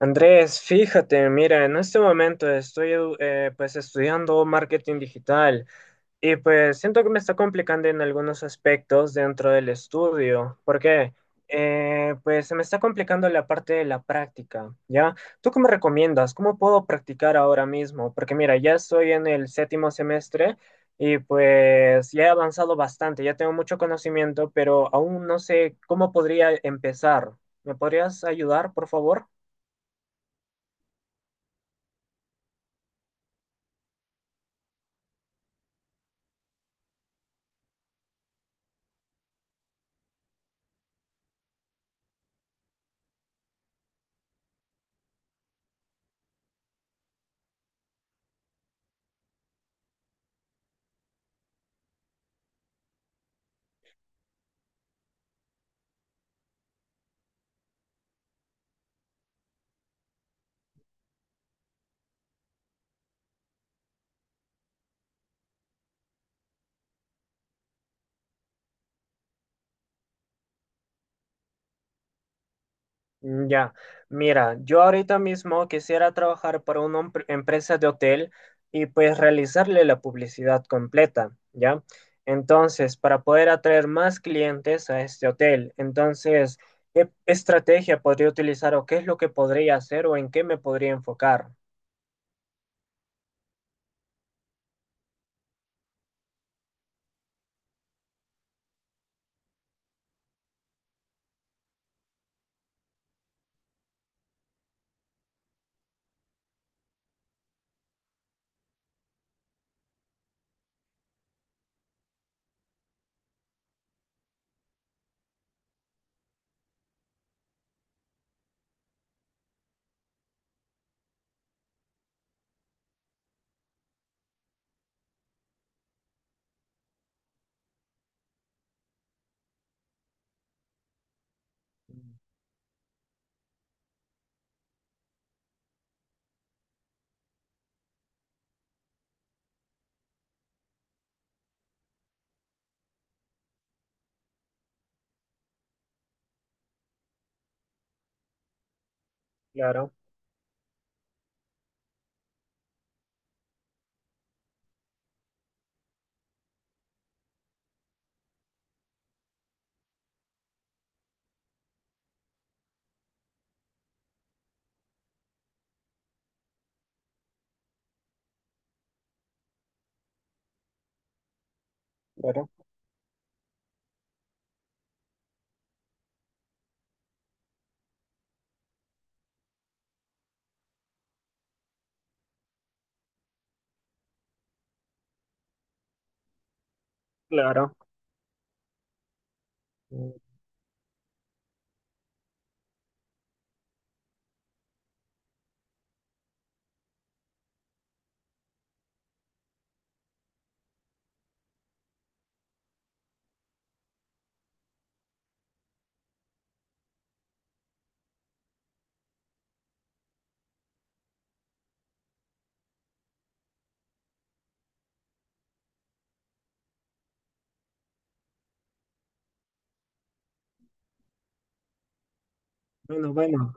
Andrés, fíjate, mira, en este momento pues estudiando marketing digital y pues siento que me está complicando en algunos aspectos dentro del estudio. ¿Por qué? Pues se me está complicando la parte de la práctica, ¿ya? ¿Tú qué me recomiendas? ¿Cómo puedo practicar ahora mismo? Porque mira, ya estoy en el séptimo semestre y pues ya he avanzado bastante, ya tengo mucho conocimiento, pero aún no sé cómo podría empezar. ¿Me podrías ayudar, por favor? Mm, ya, mira, yo ahorita mismo quisiera trabajar para una empresa de hotel y pues realizarle la publicidad completa, ¿ya? Entonces, para poder atraer más clientes a este hotel, entonces, ¿qué estrategia podría utilizar o qué es lo que podría hacer o en qué me podría enfocar? Claro, claro, claro. Mm, Bueno, bueno.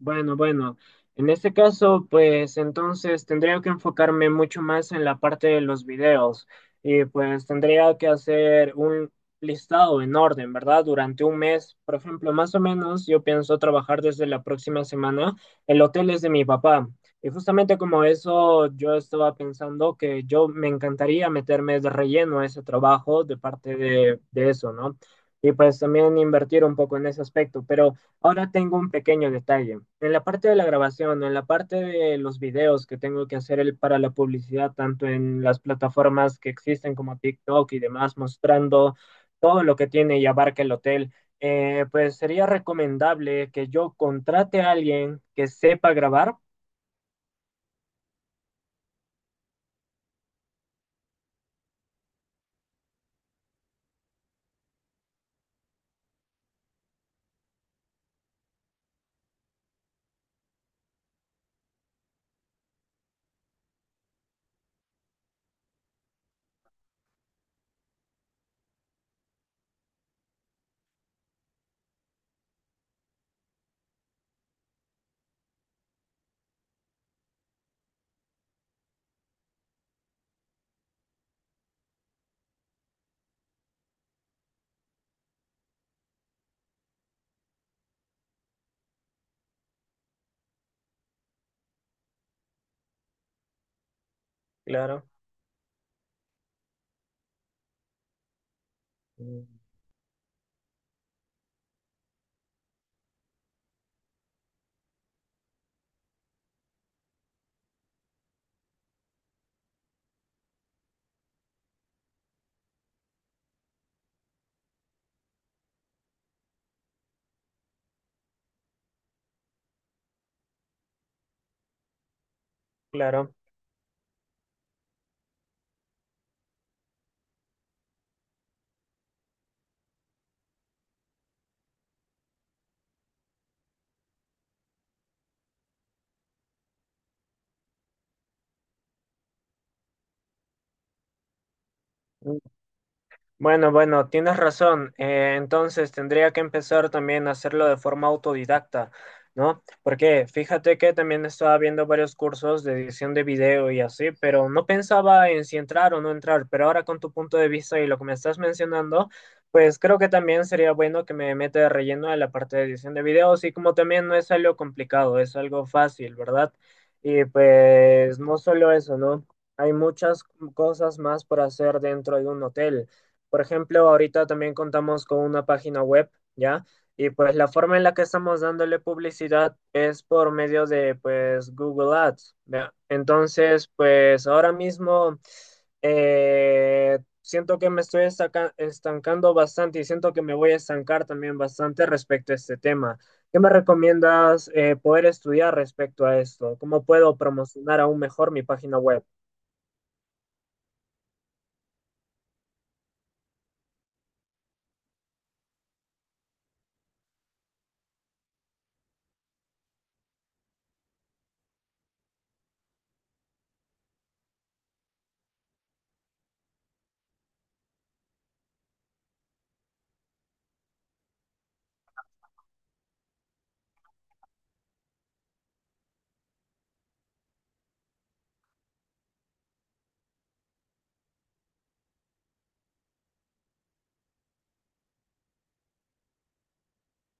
Bueno, bueno, en este caso, pues entonces tendría que enfocarme mucho más en la parte de los videos y pues tendría que hacer un listado en orden, ¿verdad? Durante un mes, por ejemplo, más o menos, yo pienso trabajar desde la próxima semana. El hotel es de mi papá y justamente como eso, yo estaba pensando que yo me encantaría meterme de relleno a ese trabajo de parte de eso, ¿no? Y pues también invertir un poco en ese aspecto, pero... Ahora tengo un pequeño detalle. En la parte de la grabación, en la parte de los videos que tengo que hacer para la publicidad, tanto en las plataformas que existen como TikTok y demás, mostrando todo lo que tiene y abarca el hotel, pues sería recomendable que yo contrate a alguien que sepa grabar. Claro, mm, claro. Bueno, bueno, tienes razón. Entonces tendría que empezar también a hacerlo de forma autodidacta, ¿no? Porque fíjate que también estaba viendo varios cursos de edición de video y así, pero no pensaba en si entrar o no entrar. Pero ahora con tu punto de vista y lo que me estás mencionando, pues creo que también sería bueno que me meta de relleno en la parte de edición de videos y como también no es algo complicado, es algo fácil, ¿verdad? Y pues no solo eso, ¿no? Hay muchas cosas más por hacer dentro de un hotel. Por ejemplo, ahorita también contamos con una página web, ¿ya? Y pues la forma en la que estamos dándole publicidad es por medio de pues Google Ads, ¿ya? Entonces, pues ahora mismo siento que me estoy estancando bastante y siento que me voy a estancar también bastante respecto a este tema. ¿Qué me recomiendas poder estudiar respecto a esto? ¿Cómo puedo promocionar aún mejor mi página web?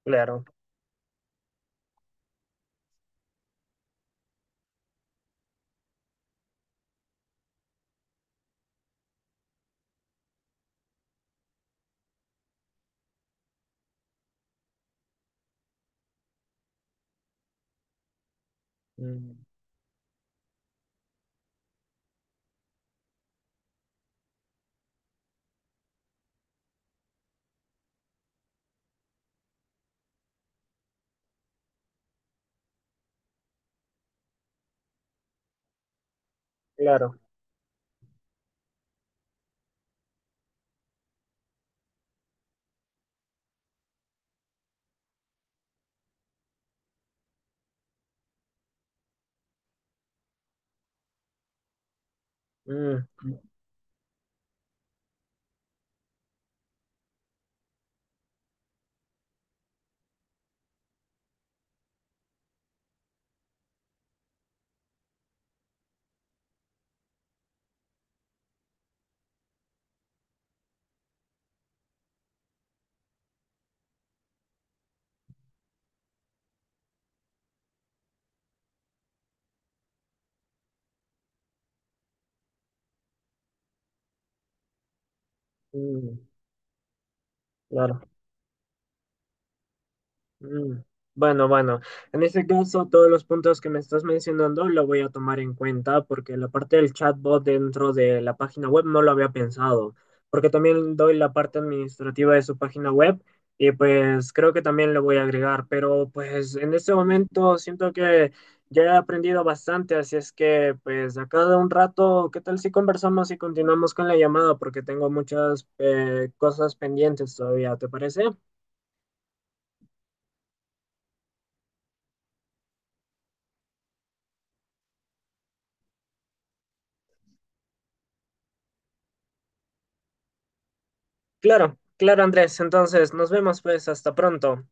Claro, mm, claro. Mm, mm. Mm. Claro. Mm. Bueno, bueno, en ese caso todos los puntos que me estás mencionando lo voy a tomar en cuenta porque la parte del chatbot dentro de la página web no lo había pensado, porque también doy la parte administrativa de su página web y pues creo que también lo voy a agregar, pero pues en este momento siento que ya he aprendido bastante, así es que pues a cada un rato, ¿qué tal si conversamos y continuamos con la llamada? Porque tengo muchas cosas pendientes todavía, ¿te parece? Claro, claro, Andrés. Entonces, nos vemos pues hasta pronto.